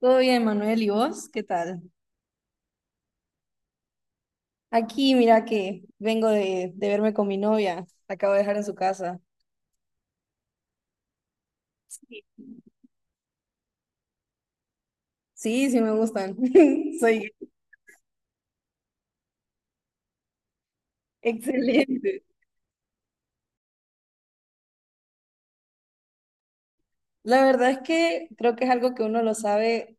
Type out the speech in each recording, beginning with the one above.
Todo bien, Manuel, ¿y vos? ¿Qué tal? Aquí, mira que vengo de verme con mi novia. La acabo de dejar en su casa. Sí, sí, sí, me gustan. Soy excelente. La verdad es que creo que es algo que uno lo sabe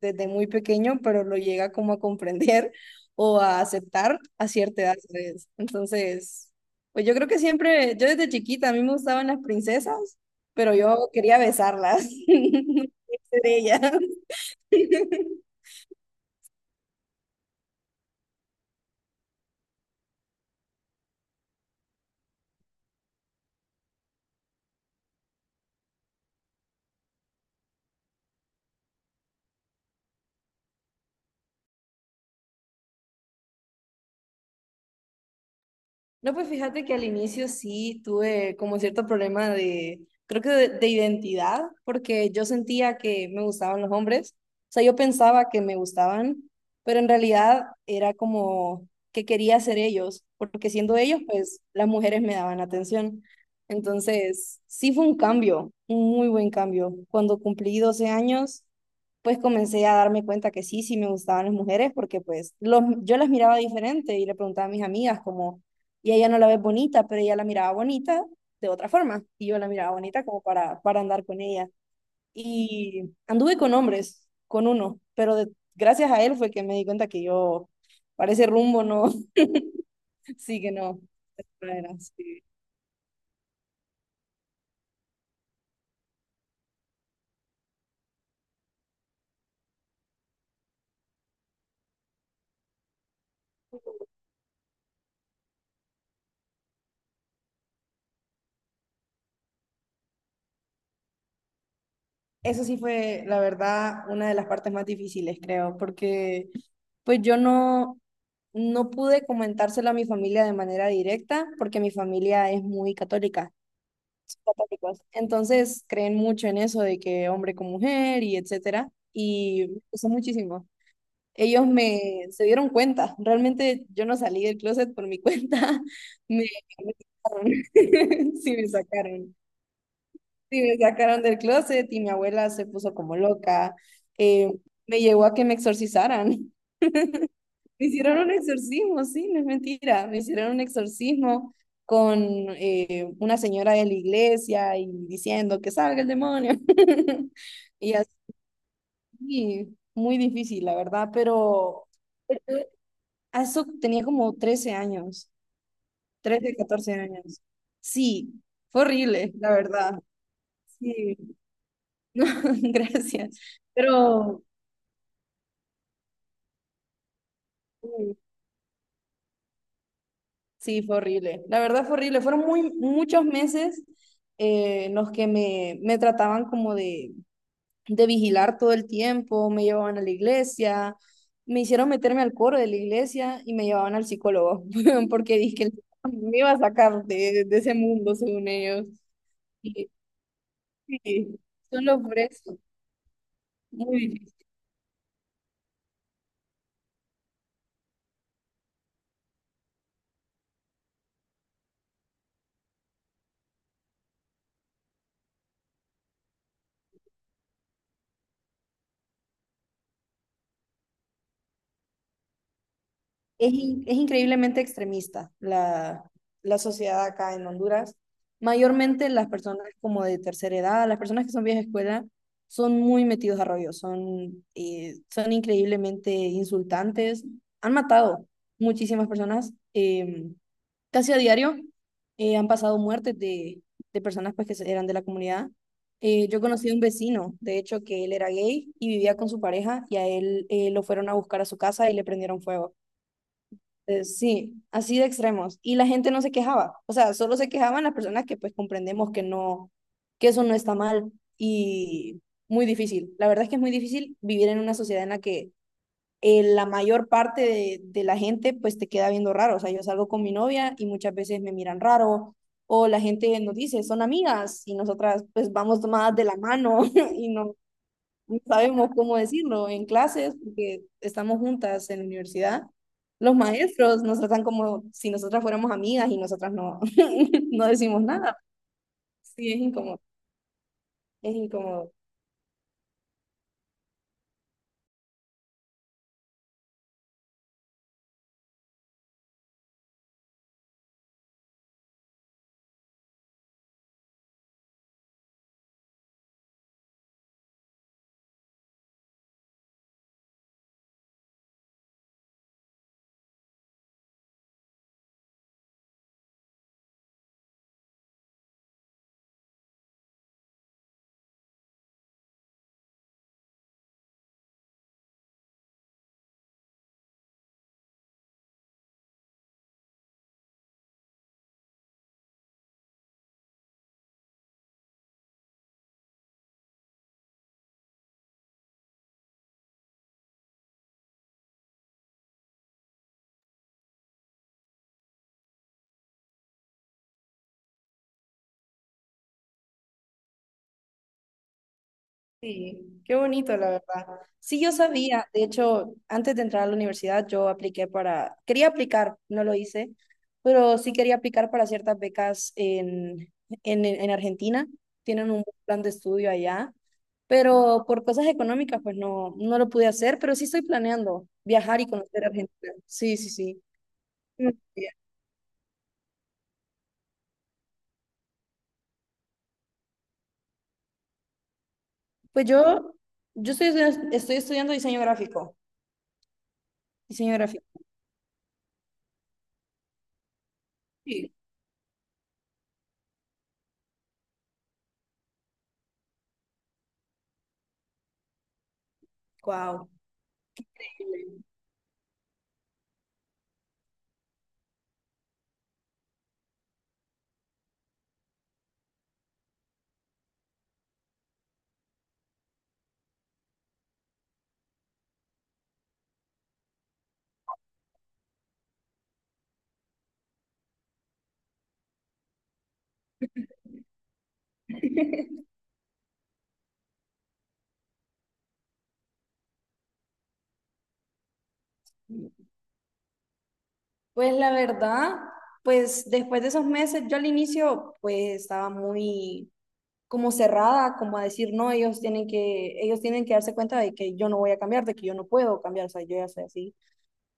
desde muy pequeño, pero lo llega como a comprender o a aceptar a cierta edad, ¿sabes? Entonces, pues yo creo que siempre, yo desde chiquita, a mí me gustaban las princesas, pero yo quería besarlas. Ser ella. No, pues fíjate que al inicio sí tuve como cierto problema de, creo que de identidad, porque yo sentía que me gustaban los hombres, o sea, yo pensaba que me gustaban, pero en realidad era como que quería ser ellos, porque siendo ellos, pues las mujeres me daban atención. Entonces, sí fue un cambio, un muy buen cambio. Cuando cumplí 12 años, pues comencé a darme cuenta que sí, sí me gustaban las mujeres, porque pues los, yo las miraba diferente y le preguntaba a mis amigas como y ella no la ve bonita, pero ella la miraba bonita de otra forma y yo la miraba bonita como para andar con ella. Y anduve con hombres, con uno, pero gracias a él fue que me di cuenta que yo, para ese rumbo, no, sí que no. No era, sí. Eso sí fue, la verdad, una de las partes más difíciles, creo, porque pues yo no, no pude comentárselo a mi familia de manera directa porque mi familia es muy católica. Católicos. Entonces creen mucho en eso de que hombre con mujer y etcétera. Y me gustó muchísimo. Ellos me se dieron cuenta. Realmente yo no salí del closet por mi cuenta. Me, me sacaron. Sí, me sacaron. Sí, me sacaron del closet y mi abuela se puso como loca. Eh, me llegó a que me exorcizaran. Me hicieron un exorcismo, sí, no es mentira. Me hicieron un exorcismo con una señora de la iglesia y diciendo que salga el demonio. Y así, muy difícil, la verdad, pero a eso tenía como 13 años, 13, 14 años. Sí, fue horrible, la verdad. Sí, no, gracias. Pero, sí, fue horrible. La verdad fue horrible. Fueron muy, muchos meses en los que me trataban como de vigilar todo el tiempo, me llevaban a la iglesia, me hicieron meterme al coro de la iglesia y me llevaban al psicólogo, porque dije que el psicólogo me iba a sacar de ese mundo, según ellos. Y, sí, solo por eso. Muy es, es increíblemente extremista la sociedad acá en Honduras. Mayormente las personas como de tercera edad, las personas que son viejas escuela, son muy metidos a rollo, son, son increíblemente insultantes. Han matado muchísimas personas casi a diario. Eh, han pasado muertes de personas pues, eran de la comunidad. Yo conocí a un vecino, de hecho, que él era gay y vivía con su pareja y a él lo fueron a buscar a su casa y le prendieron fuego. Sí, así de extremos. Y la gente no se quejaba. O sea, solo se quejaban las personas que pues comprendemos que no, que eso no está mal. Y muy difícil. La verdad es que es muy difícil vivir en una sociedad en la que la mayor parte de la gente pues te queda viendo raro. O sea, yo salgo con mi novia y muchas veces me miran raro. O la gente nos dice, son amigas y nosotras pues vamos tomadas de la mano y no, no sabemos cómo decirlo en clases, porque estamos juntas en la universidad. Los maestros nos tratan como si nosotras fuéramos amigas y nosotras no, no decimos nada. Sí, es incómodo, es incómodo. Sí, qué bonito, la verdad. Sí, yo sabía. De hecho, antes de entrar a la universidad, yo apliqué para, quería aplicar, no lo hice, pero sí quería aplicar para ciertas becas en Argentina. Tienen un buen plan de estudio allá, pero por cosas económicas, pues no, no lo pude hacer, pero sí estoy planeando viajar y conocer Argentina. Sí, sí, sí. Muy bien. Pues yo estoy, estoy estudiando diseño gráfico. Diseño gráfico. Sí. Wow. Pues la verdad, pues después de esos meses, yo al inicio pues estaba muy como cerrada, como a decir, no, ellos tienen que darse cuenta de que yo no voy a cambiar, de que yo no puedo cambiar, o sea, yo ya soy así.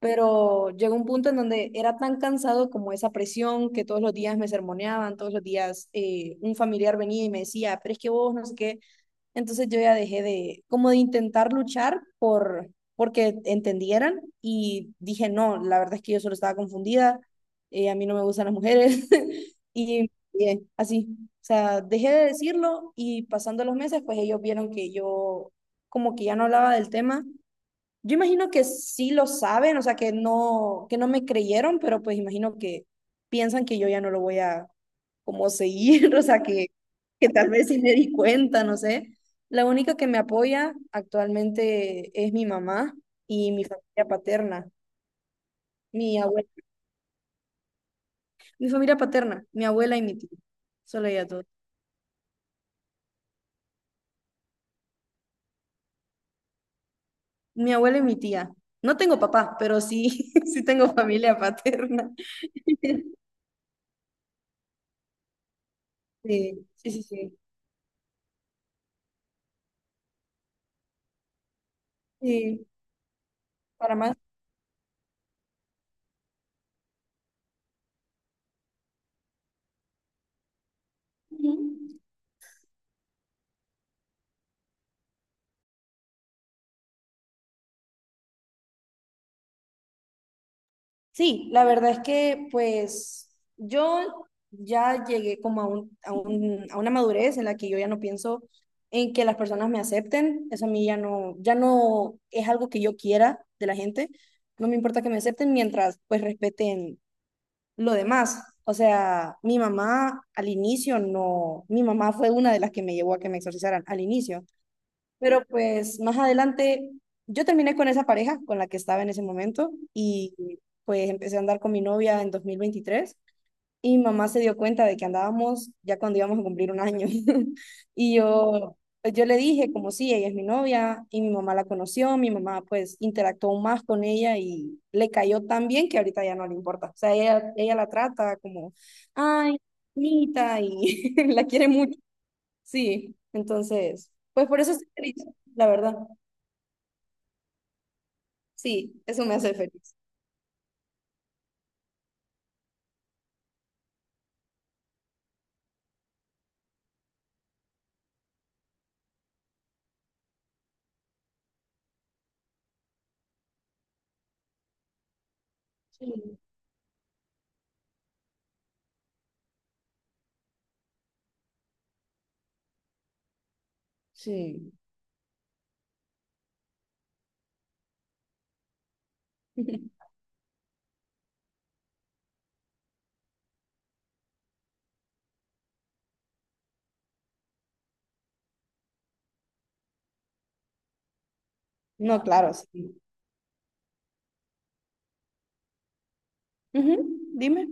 Pero llegó un punto en donde era tan cansado como esa presión que todos los días me sermoneaban, todos los días un familiar venía y me decía, pero es que vos no sé qué, entonces yo ya dejé de, como de intentar luchar por, porque entendieran y dije, no, la verdad es que yo solo estaba confundida, a mí no me gustan las mujeres y así, o sea, dejé de decirlo y pasando los meses, pues ellos vieron que yo como que ya no hablaba del tema, yo imagino que sí lo saben, o sea, que no me creyeron, pero pues imagino que piensan que yo ya no lo voy a como seguir, o sea, que tal vez sí me di cuenta, no sé. La única que me apoya actualmente es mi mamá y mi familia paterna, mi abuela, mi familia paterna, mi abuela y mi tía, solo ella todo. Mi abuela y mi tía. No tengo papá, pero sí, sí tengo familia paterna. Sí, sí, sí, sí. Sí, para más. Ujú. Sí, la verdad es que pues yo ya llegué como a un, a una madurez en la que yo ya no pienso en que las personas me acepten. Eso a mí ya no, ya no es algo que yo quiera de la gente. No me importa que me acepten mientras pues respeten lo demás. O sea, mi mamá al inicio no, mi mamá fue una de las que me llevó a que me exorcizaran al inicio. Pero pues más adelante yo terminé con esa pareja con la que estaba en ese momento y pues empecé a andar con mi novia en 2023 y mi mamá se dio cuenta de que andábamos ya cuando íbamos a cumplir un año. Y yo, pues, yo le dije como sí, ella es mi novia y mi mamá la conoció, mi mamá pues interactuó más con ella y le cayó tan bien que ahorita ya no le importa. O sea, ella la trata como, ay, bonita y la quiere mucho. Sí, entonces, pues por eso estoy feliz, la verdad. Sí, eso me hace feliz. Sí. Sí. No, claro, sí. Ujú, dime.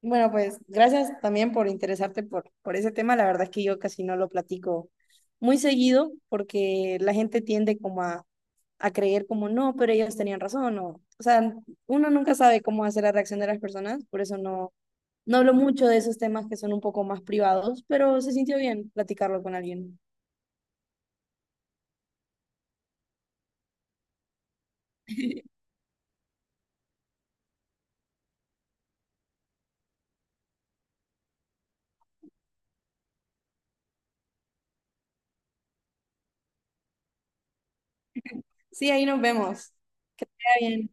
Bueno, pues gracias también por interesarte por ese tema. La verdad es que yo casi no lo platico muy seguido porque la gente tiende como a creer como no, pero ellos tenían razón o sea, uno nunca sabe cómo hacer la reacción de las personas, por eso no, no hablo mucho de esos temas que son un poco más privados, pero se sintió bien platicarlo con alguien. Sí, ahí nos vemos. Está bien.